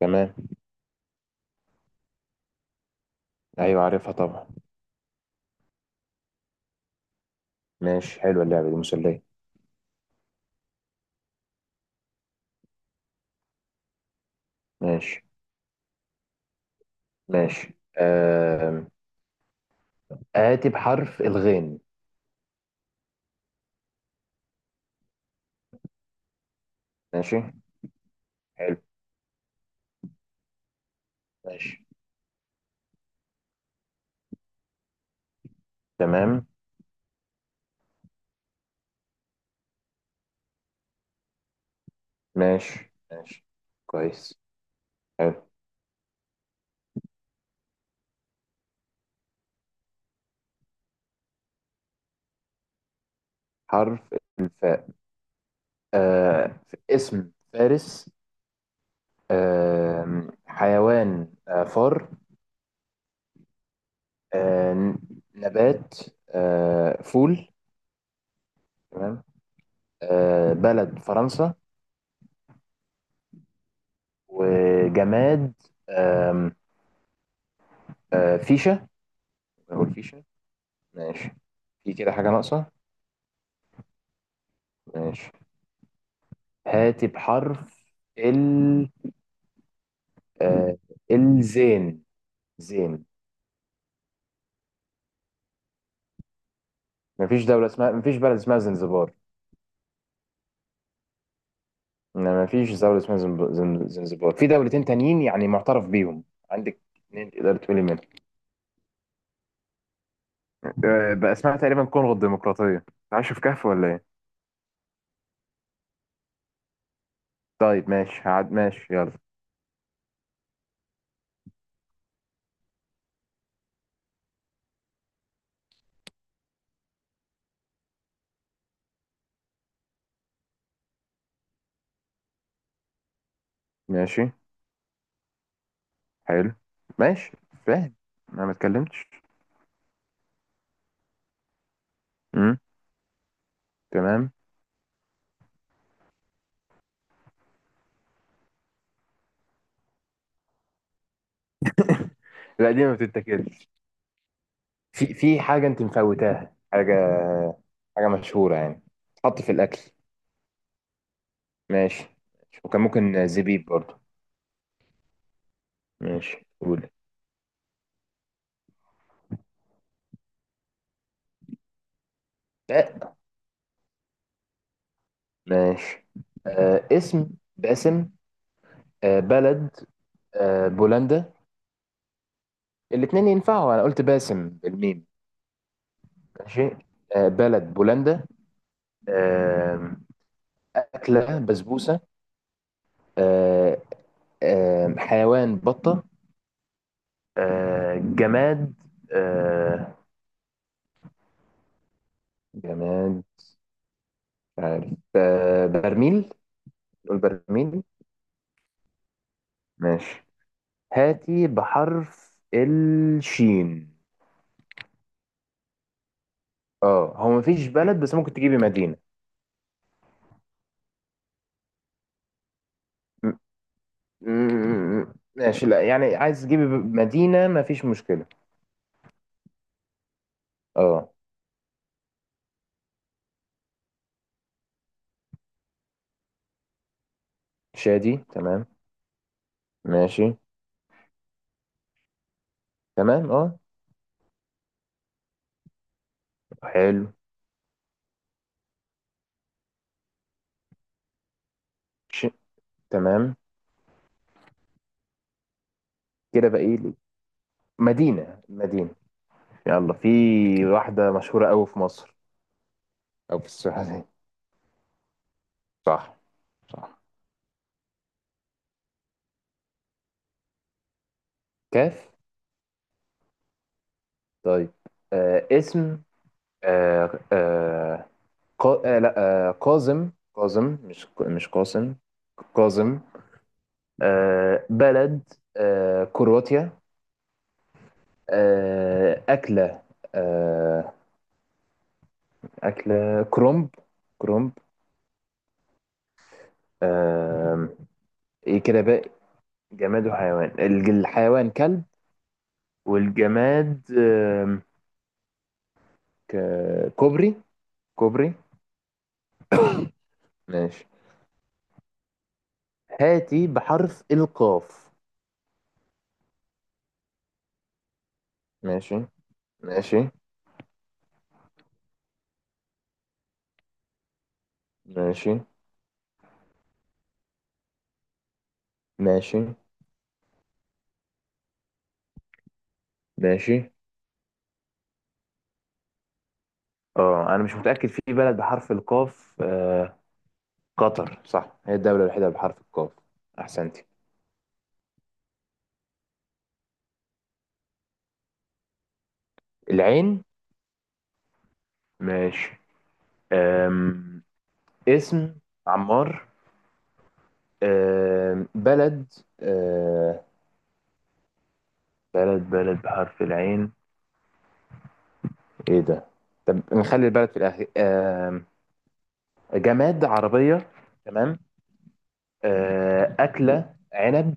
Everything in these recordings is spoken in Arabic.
تمام. ايوه، عارفها طبعا. ماشي، حلوه اللعبه دي، مسليه. ماشي ماشي. آم، آتي بحرف الغين. ماشي. حلو. ماشي. تمام. ماشي ماشي. كويس. حلو. حرف الفاء. آه اسم فارس. حيوان فار. آه نبات فول. تمام. بلد فرنسا. وجماد. آم، آه فيشة. بنقول فيشة. ماشي. في كده حاجة ناقصة. ماشي. هاتي بحرف ال. آه الزين. زين. مفيش بلد اسمها زنزبار. لا، مفيش دولة اسمها زنزبار. في دولتين تانيين يعني معترف بيهم عندك، اتنين تقدر تقولي منهم. آه، بقى اسمها تقريبا كونغو الديمقراطية. عايش في كهف ولا ايه؟ طيب، ماشي، هعد. ماشي، يلا. ماشي. حلو. ماشي. فاهم، انا ما اتكلمتش. امم. تمام. لا، دي ما بتتاكلش. في حاجة أنت مفوتاها. حاجة حاجة مشهورة يعني، تحط في الأكل. ماشي ماشي. وكان ممكن زبيب برضو. ماشي، قول. آه، ماشي. اسم باسم. بلد بولندا. الاتنين ينفعوا، أنا قلت باسم بالميم. ماشي. بلد بولندا. آه أكلة بسبوسة. آه حيوان بطة. جماد. آه جماد، مش عارف. برميل. البرميل. ماشي. هاتي بحرف الشين. اه، هو مفيش بلد بس ممكن تجيبي مدينة. م- ماشي، لا يعني، عايز تجيبي مدينة، مفيش مشكلة. اه. شادي، تمام. ماشي. تمام، اه. حلو. ش... تمام. كده بقى ايه؟ مدينة، مدينة. يلا، في واحدة مشهورة قوي في مصر او في السعودية. صح. صح. كاف. طيب. اسم. آه آه قا... آه لا، قازم، قازم، مش مش قاسم، قازم. بلد، كرواتيا. أكلة. آه أكلة كرومب. كرومب. آه. إيه كده بقى؟ جماد وحيوان. الحيوان كلب. والجماد ك... كوبري. كوبري. ماشي. هاتي بحرف القاف. ماشي ماشي ماشي ماشي ماشي. اه، انا مش متاكد في بلد بحرف القاف. آه، قطر. صح، هي الدوله الوحيده بحرف القاف. احسنتي. العين. ماشي. أم... اسم عمار. بلد. أم... بلد، بلد بحرف العين، ايه ده؟ طب نخلي البلد في الاخر. جماد عربيه. تمام. اكله عنب.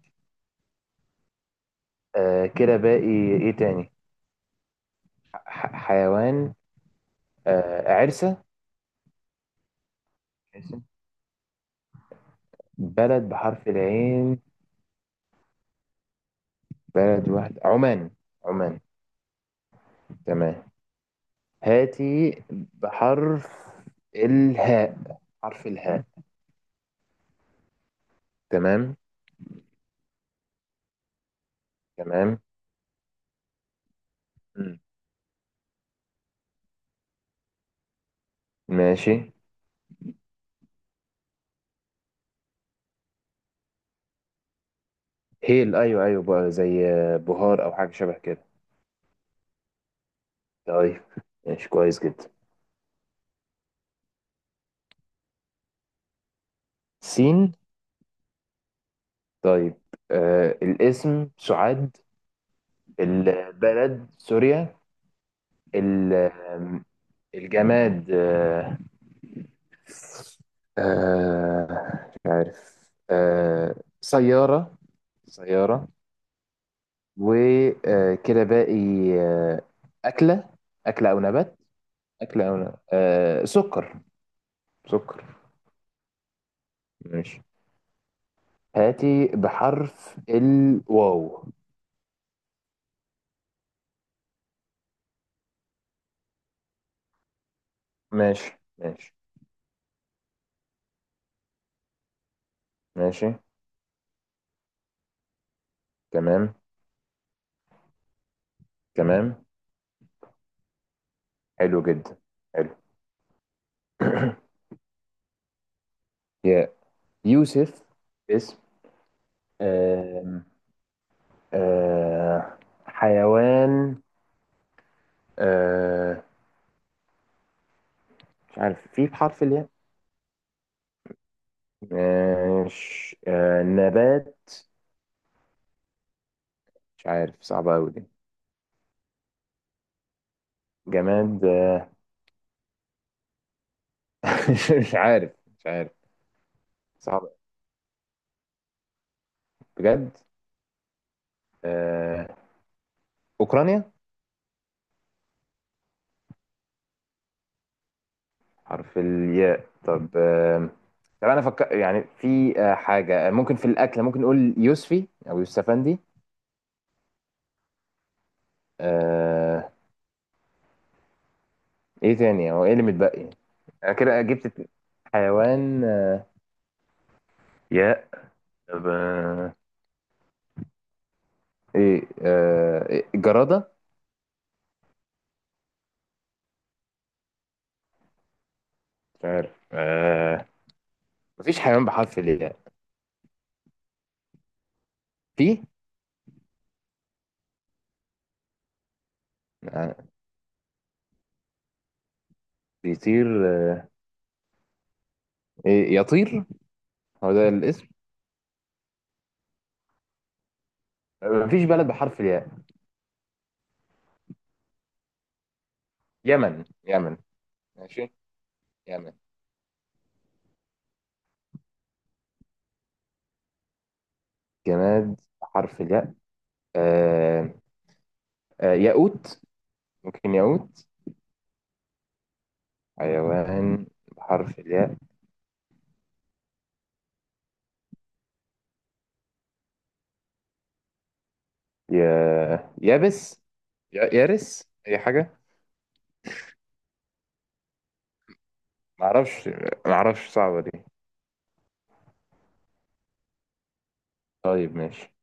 كده باقي ايه تاني؟ حيوان. عرسه. عرسة. بلد بحرف العين. بلد واحد، عمان. عمان. تمام. هاتي بحرف الهاء، حرف الهاء. تمام. تمام. مم. ماشي. هيل، ايوه ايوه، بقى زي بهار او حاجه شبه كده. طيب، ماشي، كويس جدا. سين. طيب. الاسم سعاد. البلد سوريا. ال- آم، الجماد مش عارف. آه سياره. سياره. وكده باقي آه، أكلة. أكلة أو نبات. أكلة أو نبات. آه، سكر. سكر. ماشي. هاتي بحرف الواو. ماشي ماشي ماشي. تمام. تمام. حلو جدا. حلو. يا، يوسف. اسم. آم، آه، حيوان. آه، مش عارف في بحرف الياء. ماشي. آه، نبات، مش عارف، صعبة أوي دي. جماد. مش عارف. مش عارف. صعب بجد. آه، أوكرانيا. حرف الياء. طب آه، طب أنا فكر يعني في آه، حاجة آه، ممكن في الأكل ممكن نقول يوسفي أو يوسفندي. آه، إيه تاني، هو إيه اللي متبقي؟ أنا كده جبت حيوان. آه، ياء. طب آه، إيه آه، إيه؟ جرادة. مش عارف. آه، مفيش حيوان بحرف الياء. في آه، بيطير. آه، إيه يطير. هو ده الاسم. آه، مفيش بلد بحرف الياء. يمن. يمن. ماشي. يمن. جماد بحرف الياء. آه. آه، ياقوت. ممكن ياقوت. حيوان بحرف الياء. يابس. يارس، اي حاجه. معرفش. معرفش، صعبه دي. طيب، ماشي.